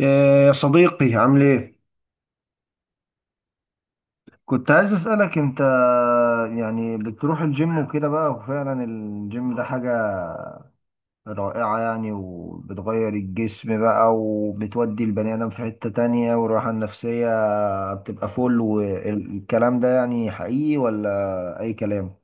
إيه يا صديقي، عامل ايه؟ كنت عايز اسألك انت، يعني بتروح الجيم وكده بقى، وفعلا الجيم ده حاجة رائعة يعني، وبتغير الجسم بقى وبتودي البني آدم في حتة تانية، والراحة النفسية بتبقى فل، والكلام ده يعني حقيقي ولا أي كلام؟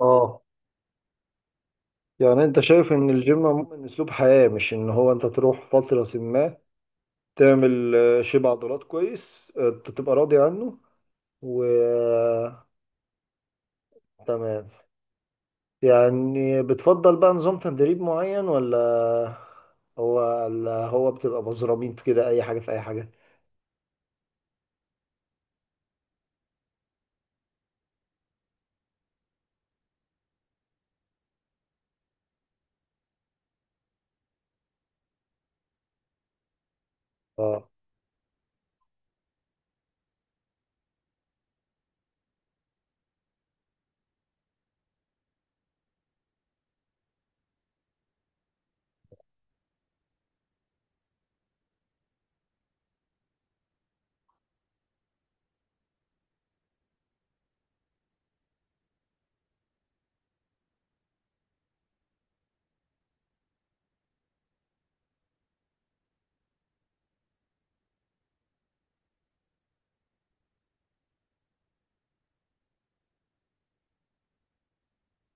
اه، يعني انت شايف ان الجيم عموما اسلوب حياة، مش ان هو انت تروح فترة ما تعمل شيب عضلات كويس، تبقى راضي عنه. تمام. يعني بتفضل بقى نظام تدريب معين، هو ولا هو بتبقى مزرمين كده اي حاجه في اي حاجه؟ اه.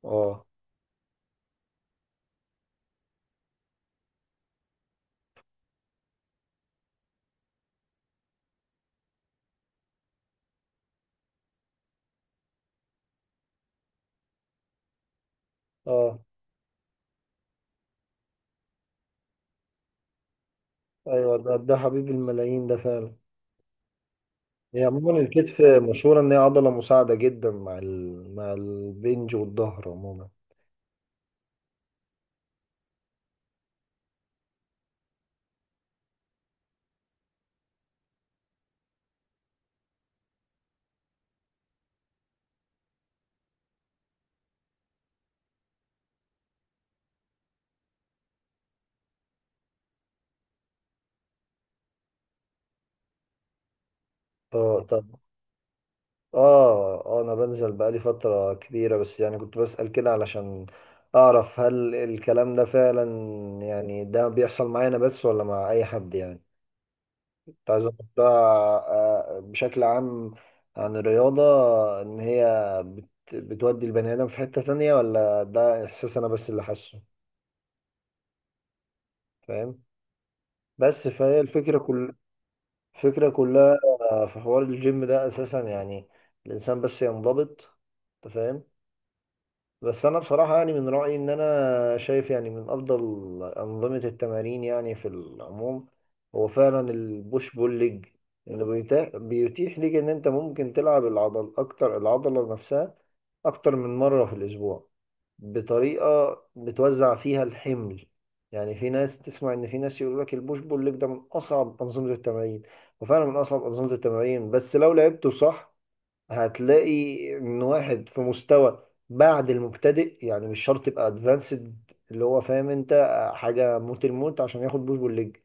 اه. اه ايوه، ده حبيب الملايين ده فعلا. هي عموما الكتف مشهوره ان هي عضله مساعده جدا مع مع البنج والظهر عموما. اه طب. اه اه، انا بنزل بقالي فتره كبيره، بس يعني كنت بسأل كده علشان اعرف هل الكلام ده فعلا يعني ده بيحصل معايا انا بس ولا مع اي حد يعني. كنت عايز أقول ده بشكل عام عن الرياضة، إن هي بتودي البني آدم في حتة تانية، ولا ده إحساس أنا بس اللي حاسه، فاهم؟ بس فهي الفكرة كل الفكرة كلها في حوار الجيم ده أساسا، يعني الإنسان بس ينضبط، أنت فاهم. بس انا بصراحه يعني من رايي ان انا شايف يعني من افضل انظمه التمارين يعني في العموم هو فعلا البوش بول ليج، اللي بيتيح ليك ان انت ممكن تلعب العضل اكتر، العضله نفسها اكتر من مره في الاسبوع، بطريقه بتوزع فيها الحمل. يعني في ناس تسمع ان في ناس يقول لك البوش بول ليج ده من اصعب انظمه التمارين، وفعلا من اصعب انظمه التمارين، بس لو لعبته صح هتلاقي ان واحد في مستوى بعد المبتدئ يعني، مش شرط يبقى ادفانسد، اللي هو فاهم انت حاجه موت الموت عشان ياخد بوش بول ليج.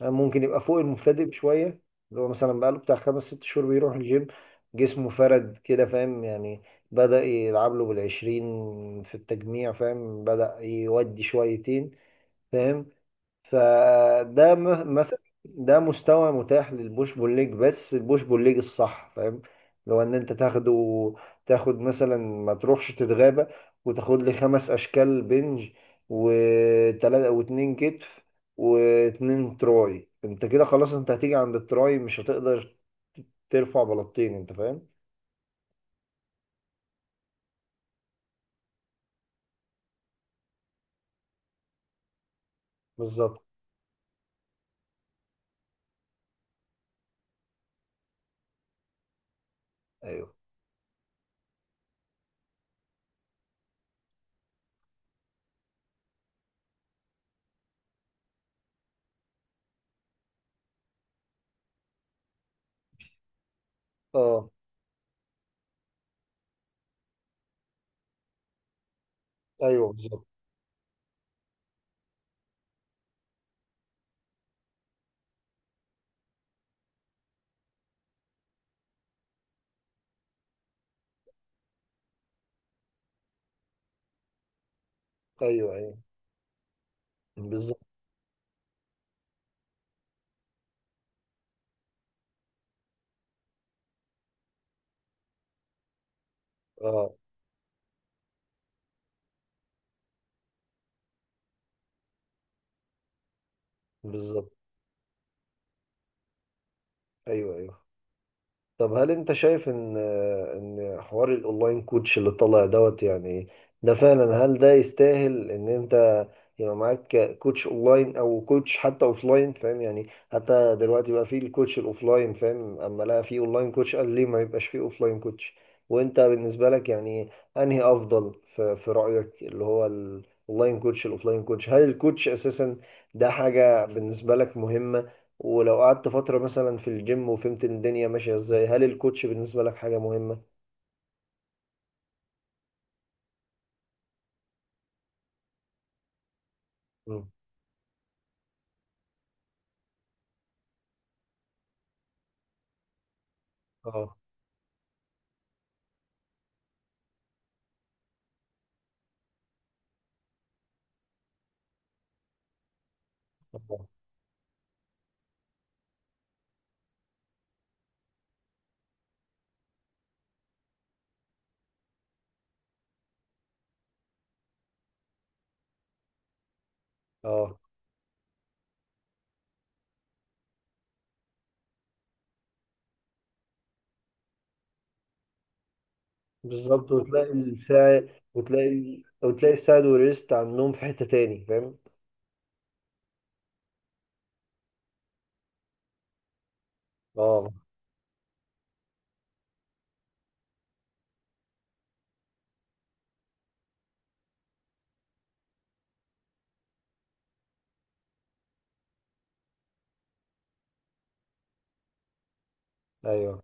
ممكن يبقى فوق المبتدئ بشويه، اللي هو مثلا بقاله بتاع خمس ست شهور بيروح الجيم، جسمه فرد كده، فاهم يعني؟ بدأ يلعب له بالعشرين في التجميع، فاهم، بدأ يودي شويتين، فاهم؟ فده مثلا ده مستوى متاح للبوش بول ليج، بس البوش بول ليج الصح، فاهم؟ لو ان انت تاخده، تاخد مثلا ما تروحش تتغابى وتاخد لي خمس اشكال بنج وتلاتة واتنين كتف واتنين تراي، انت كده خلاص، انت هتيجي عند التراي مش هتقدر ترفع بلاطين، انت فاهم. بالظبط. ايوه. اه ايوه، بالظبط. ايوه ايوه. بالظبط. اه، بالظبط. ايوه ايوه. طب هل انت شايف ان ان حوار الاونلاين كوتش اللي طالع دوت يعني ده فعلا، هل ده يستاهل ان انت يبقى معاك كوتش اونلاين او كوتش حتى اوفلاين، فاهم يعني؟ حتى دلوقتي بقى في الكوتش الاوفلاين، فاهم، اما لقى في اونلاين كوتش قال ليه ما يبقاش في اوفلاين كوتش. وانت بالنسبة لك يعني انهي افضل في، في رأيك، اللي هو الاونلاين كوتش الاوفلاين كوتش؟ هل الكوتش اساسا ده حاجة بالنسبة لك مهمة؟ ولو قعدت فترة مثلا في الجيم وفهمت إن الدنيا ماشية ازاي، هل الكوتش بالنسبة لك حاجة مهمة؟ مم. اه. اه. اه بالظبط، وتلاقي الساعد، وتلاقي وتلاقي الساعد والريست على النوم في حتة تاني، فاهم؟ اه. ايوه.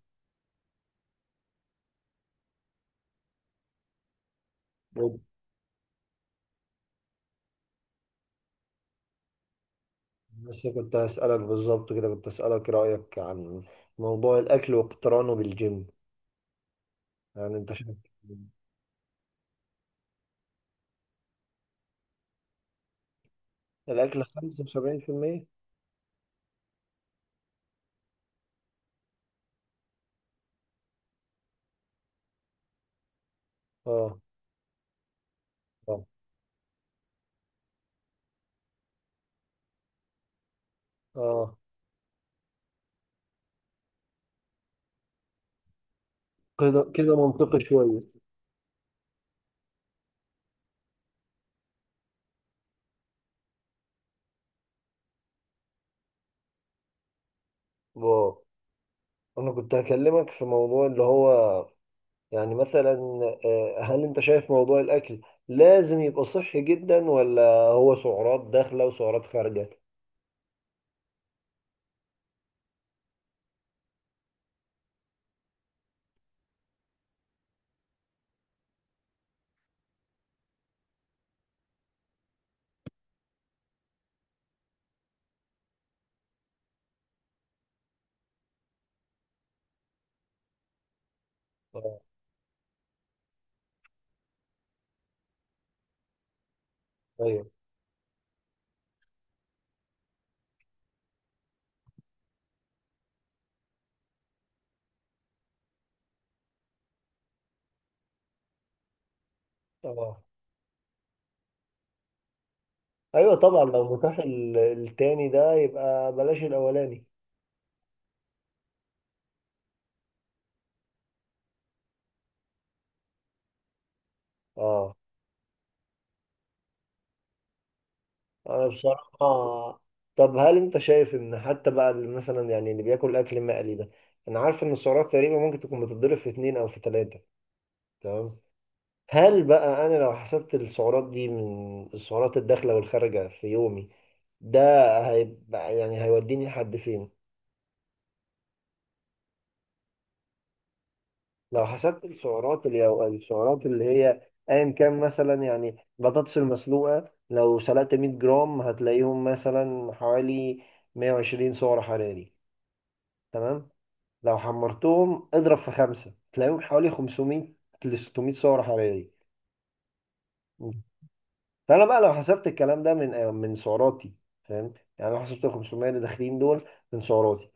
بس كنت هسألك بالظبط كده، كنت هسألك رأيك عن موضوع الأكل واقترانه بالجيم، يعني أنت شايف؟ الأكل 75%؟ اه. اه. اه. كده كده منطقي شوية. واو. انا كنت هكلمك في موضوع اللي هو يعني مثلا هل انت شايف موضوع الاكل لازم يبقى صحي جدا، ولا هو سعرات داخله وسعرات خارجه؟ آه، ايوه. اه ايوه طبعا، لو متاح التاني ده يبقى بلاش الاولاني. اه انا بصراحه. طب هل انت شايف ان حتى بقى اللي مثلا يعني اللي بياكل اكل مقلي ده، انا عارف ان السعرات تقريبا ممكن تكون بتتضرب في اتنين او في تلاته، تمام؟ هل بقى انا لو حسبت السعرات دي من السعرات الداخله والخارجه في يومي ده، هيبقى يعني هيوديني لحد فين؟ لو حسبت السعرات اللي أو السعرات اللي هي ايا كان مثلا، يعني بطاطس المسلوقه لو سلقت 100 جرام هتلاقيهم مثلا حوالي 120 سعر حراري، تمام؟ لو حمرتهم اضرب في خمسة تلاقيهم حوالي 500 ل 600 سعر حراري. فانا بقى لو حسبت الكلام ده من من سعراتي، فاهم؟ يعني لو حسبت ال 500 اللي داخلين دول من سعراتي،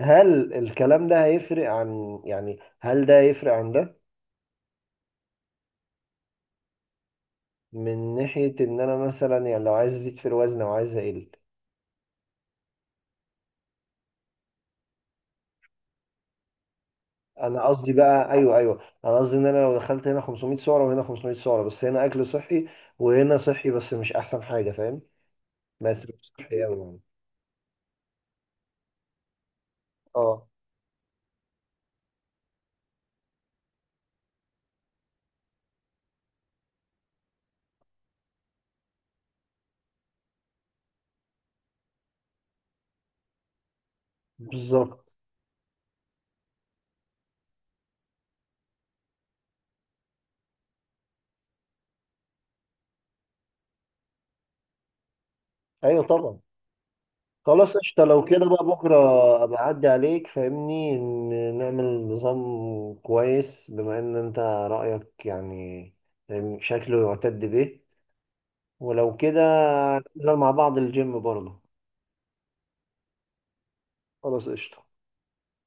هل الكلام ده هيفرق عن، يعني هل ده هيفرق عن ده، من ناحية ان انا مثلا يعني لو عايز ازيد في الوزن او عايز اقل؟ انا قصدي بقى، ايوه ايوه، انا قصدي ان انا لو دخلت هنا 500 سعرة وهنا 500 سعرة، بس هنا اكل صحي وهنا صحي بس مش احسن حاجة، فاهم؟ بس صحي قوي يعني. اه. بالظبط. ايوه طبعا. خلاص قشطة، لو كده بقى بكرة أبقى أعدي عليك، فاهمني؟ إن نعمل نظام كويس، بما إن أنت رأيك يعني فاهمني، شكله يعتد به. ولو كده ننزل مع بعض الجيم برضه. خلاص قشطة.